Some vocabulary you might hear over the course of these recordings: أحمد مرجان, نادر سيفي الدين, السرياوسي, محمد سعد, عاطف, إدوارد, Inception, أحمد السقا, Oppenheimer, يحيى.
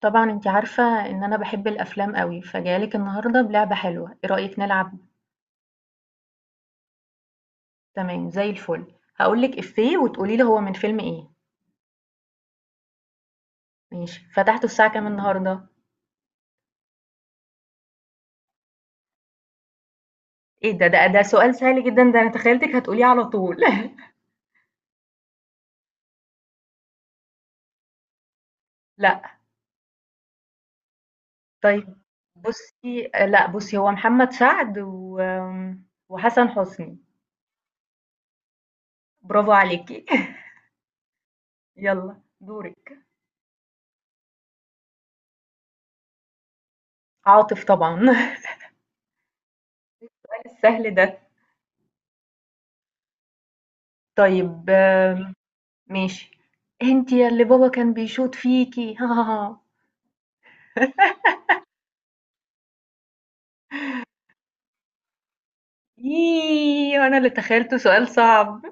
طبعًا أنتِ عارفة إن أنا باحب الأفلام أوي، فجاية لِك النهارده بلعبة حلوة، إيه رأيِك نلعب؟ تمام زي الفل، هاقول لِك إيفيه وتقولي لي هو من فيلم إيه، ماشي، فتحته الساعة كام النهارده؟ إيه ده! ده سؤال سهل جدًا، ده أنا تخيلتِك هتقوليه على طول. لأ، طيب بُصّي، لأ بُصّي هو محمد سعد وآمم، وحسن حسني، برافو عليكِ. يالّا دورِك. عاطف طبعًا. السؤال السهل ده. طيب ماشي. "أنتِ يا اللي بابا كان بيشوط فيكِ." ييه! وأنا اللي تخيّلته سؤال صعب.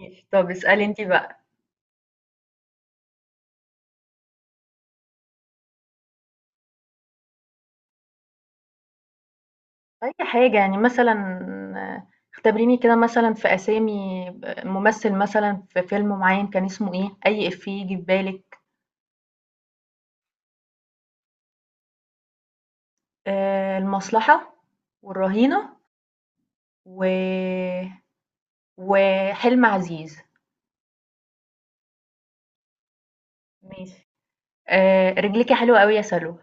ماشي، طب اسألي أنتِ بقى. أي حاجة، يعني مثلًا آه، اختبريني كده مثلًا في أسامي ب ممثل مثلًا في فيلم معيّن كان اسمه إيه، أي إفيه ييجي في بالِك. المصلحة والرهينة و وحلم عزيز. ماشي. رجليكِ حلوة أوي يا سلوى،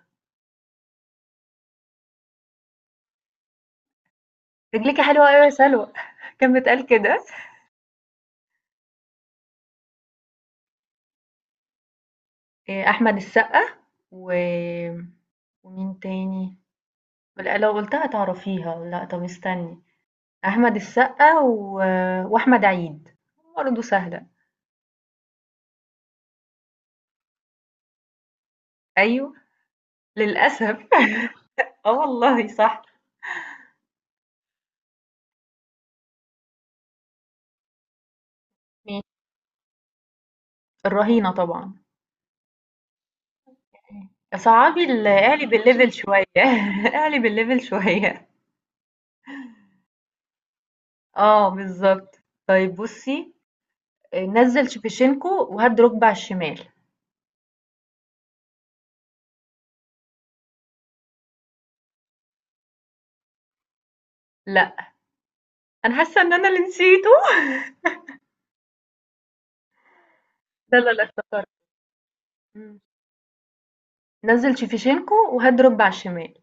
رجليكِ حلوة أوي يا سلوى، كان بيتقال كده؟ أحمد السقا و ومين تاني؟ لأ لو قُلتها هتعرفيها، لأ طَب استني، أحمد السقا وأحمد عيد، برضه سهلة. أيوه، للأسف. آه والله صح، ماشي. الرهينة طبعًا. صعّبي اعلي الlevel شوية، اعلي الlevel شوية. آه بالضبط. طيب بُصّي، نزّل شيفتشينكو وهَد رُكبة على الشمال. لأ، أنا حاسة إن أنا اللي نسيته. لا، لا، لا افتكرت. إمم. نزل شيفتشينكو وهات رد على الشمال.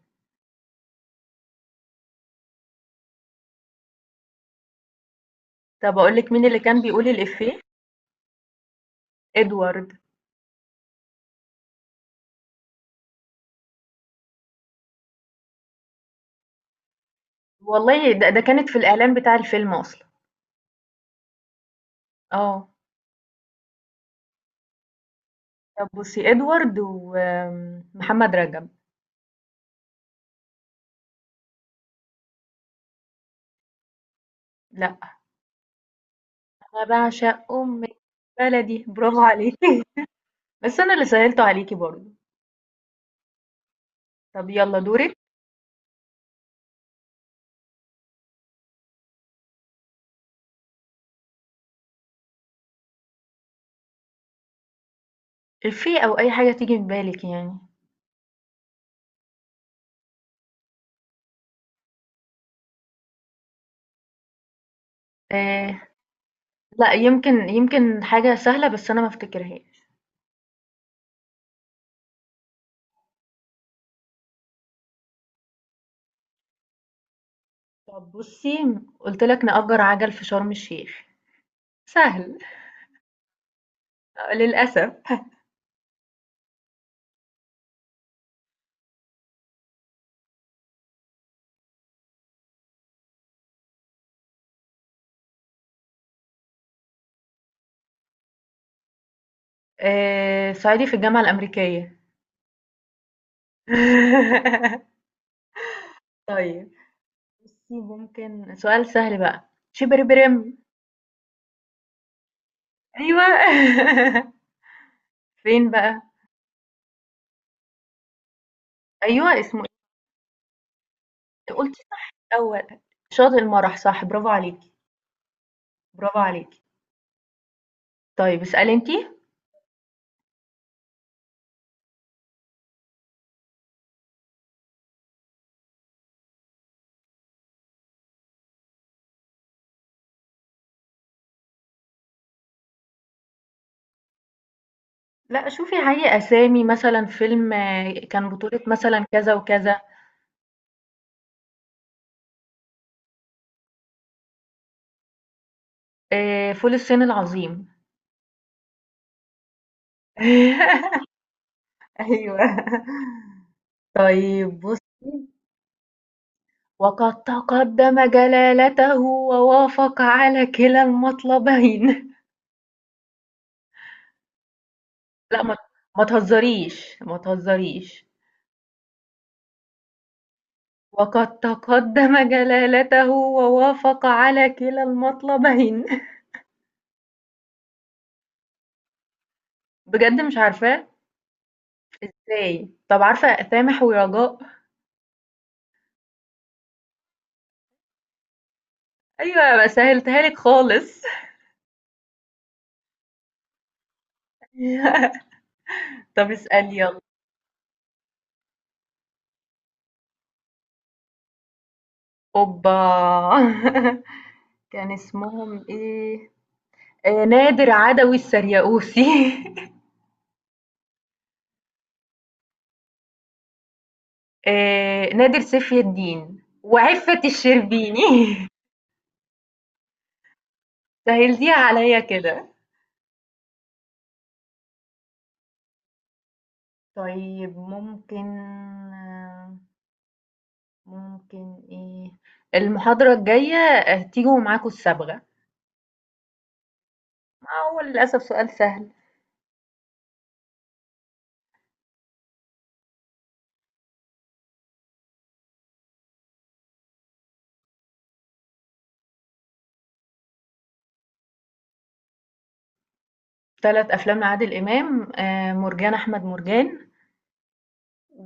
طب اقول لك مين اللي كان بيقول الإفيه. ادوارد. والله ده, كانت في الإعلان بتاع الفيلم أصلا. اه. طب بصي ادوارد ومحمد رجب. لا، انا بعشق امك بلدي، برافو عليكي. بس انا اللي سهلته عليكي برضه. طب يلا دورك. إفيه او اي حاجة تيجي في بالك يعني. آه. لا، يمكن حاجة سهلة بس انا ما افتكرهاش. طب بصي، قلت لك نأجر عجل في شرم الشيخ. سهل. آه، للأسف. صعيدي في الجامعة الأمريكية. طيب بُصّي، ممكن سؤال سهل بقى، شبربرم. أيوه، فين بقى؟ أيوه، اسمه إيه؟ أنتِ قُلتِ صح الأول، شاطئ المرح صح، برافو عليكِ، برافو عليكِ. طيب اسألي أنتِ. لأ شوفي، هاي أسامي مثلًا فيلم كان بطولة مثلًا كذا وكذا، فول الصين العظيم. أيوه. طيب بُصّي، وَقَدْ تَقَدَّمَ جلالته ووافق على كلا المطلبين. لأ، ما تهزريش، ما تهزريش. وَقَدْ تَقَدَّمَ جلالته ووافق على كلا المطلبين. بجد مش عارفاه؟ إزاي؟ طب عارفة سامح ورجاء؟ أيوه أنا سهّلتها لِك خالص. طب اسألي يالّا. أوبّا! كان اسمهم إيه؟ نادر، عدوي، السرياوسي. نادر سيفي الدين، وعفة الشربيني. سهّلتيها عليَّ كده. طيب آه، ممكن إيه، المحاضرة الجاية هتيجوا ومعاكم الصبغة، هو للأسف سؤال سهل. 3 أفلام لعادل إمام، مرجان أحمد مرجان،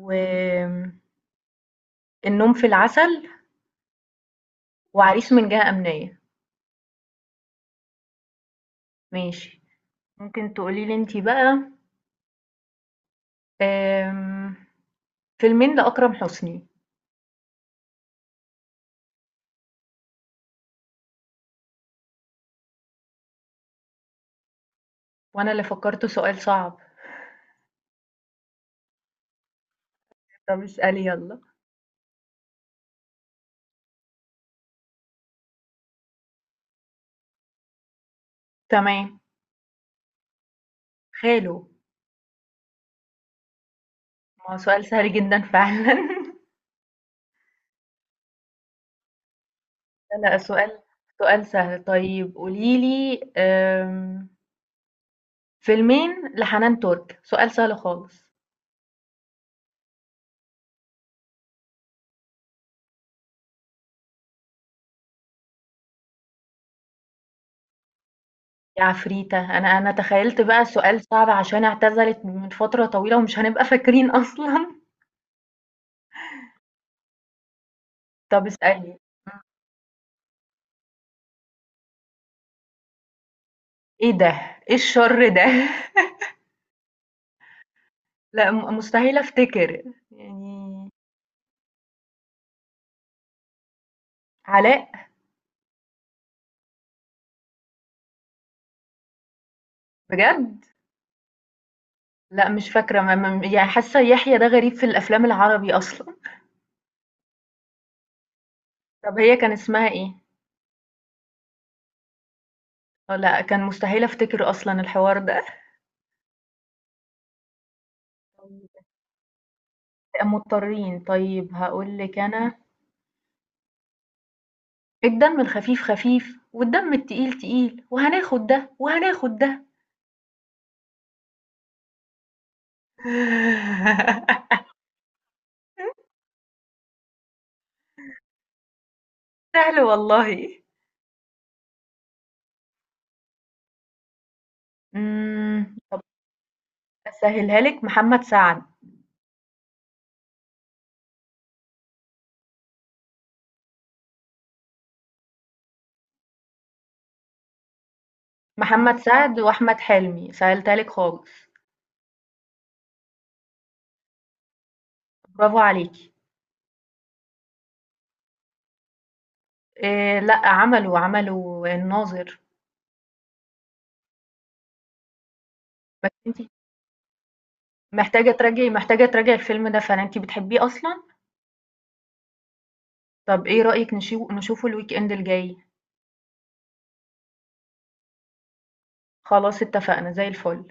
وآمم النوم في العسل، وعريس من جهة أمنية. ماشي، ممكن تقولي لي أنتِ بقى، آمم فيلمين لأكرم حسني. وأنا اللي فكّرته سؤال صعب. طب اسألي يلا. تمام. خاله. ما هو سؤال سهل جدًا فعلًا. لا، لأ، سؤال سهل. طيب قولي لي، فيلمين لحنان ترك، سؤال سهل خالص. يا عفريتة! أنا تخيّلت بقى سؤال صعب عشان اعتزلت من فترة طويلة ومش هنبقى فاكرين أصلًا. طب اسألي. امم، إيه ده؟ إيه الشر ده؟ لأ، مستحيل أفتكر. يعني علاء؟ بجد؟! لأ مش فاكرة، ما يعني حاسة يحيى ده غريب في الأفلام العربي أصلًا. طَب هي كان اسمها إيه؟ آه، لأ كان مستحيل أفتكر أصلًا الحوار ده. طيب مضطرين، طيب هاقول لِك أنا الدم الخفيف خفيف والدم التقيل تقيل وهناخد ده وهناخد ده. سهل والله. طَب أسهّلها لِك محمد سعد، محمد سعد وأحمد حلمي، سهلتها لِك خالص، برافو عليكِ. لأ عملوا، الناظر، بس أنتِ محتاجة تراجعي الفيلم ده فعلًا، أنتِ بتحبيه أصلًا؟ طب إيه رأيِك نشوفه الweekend الجاي؟ خلاص اتفقنا، زي الفل.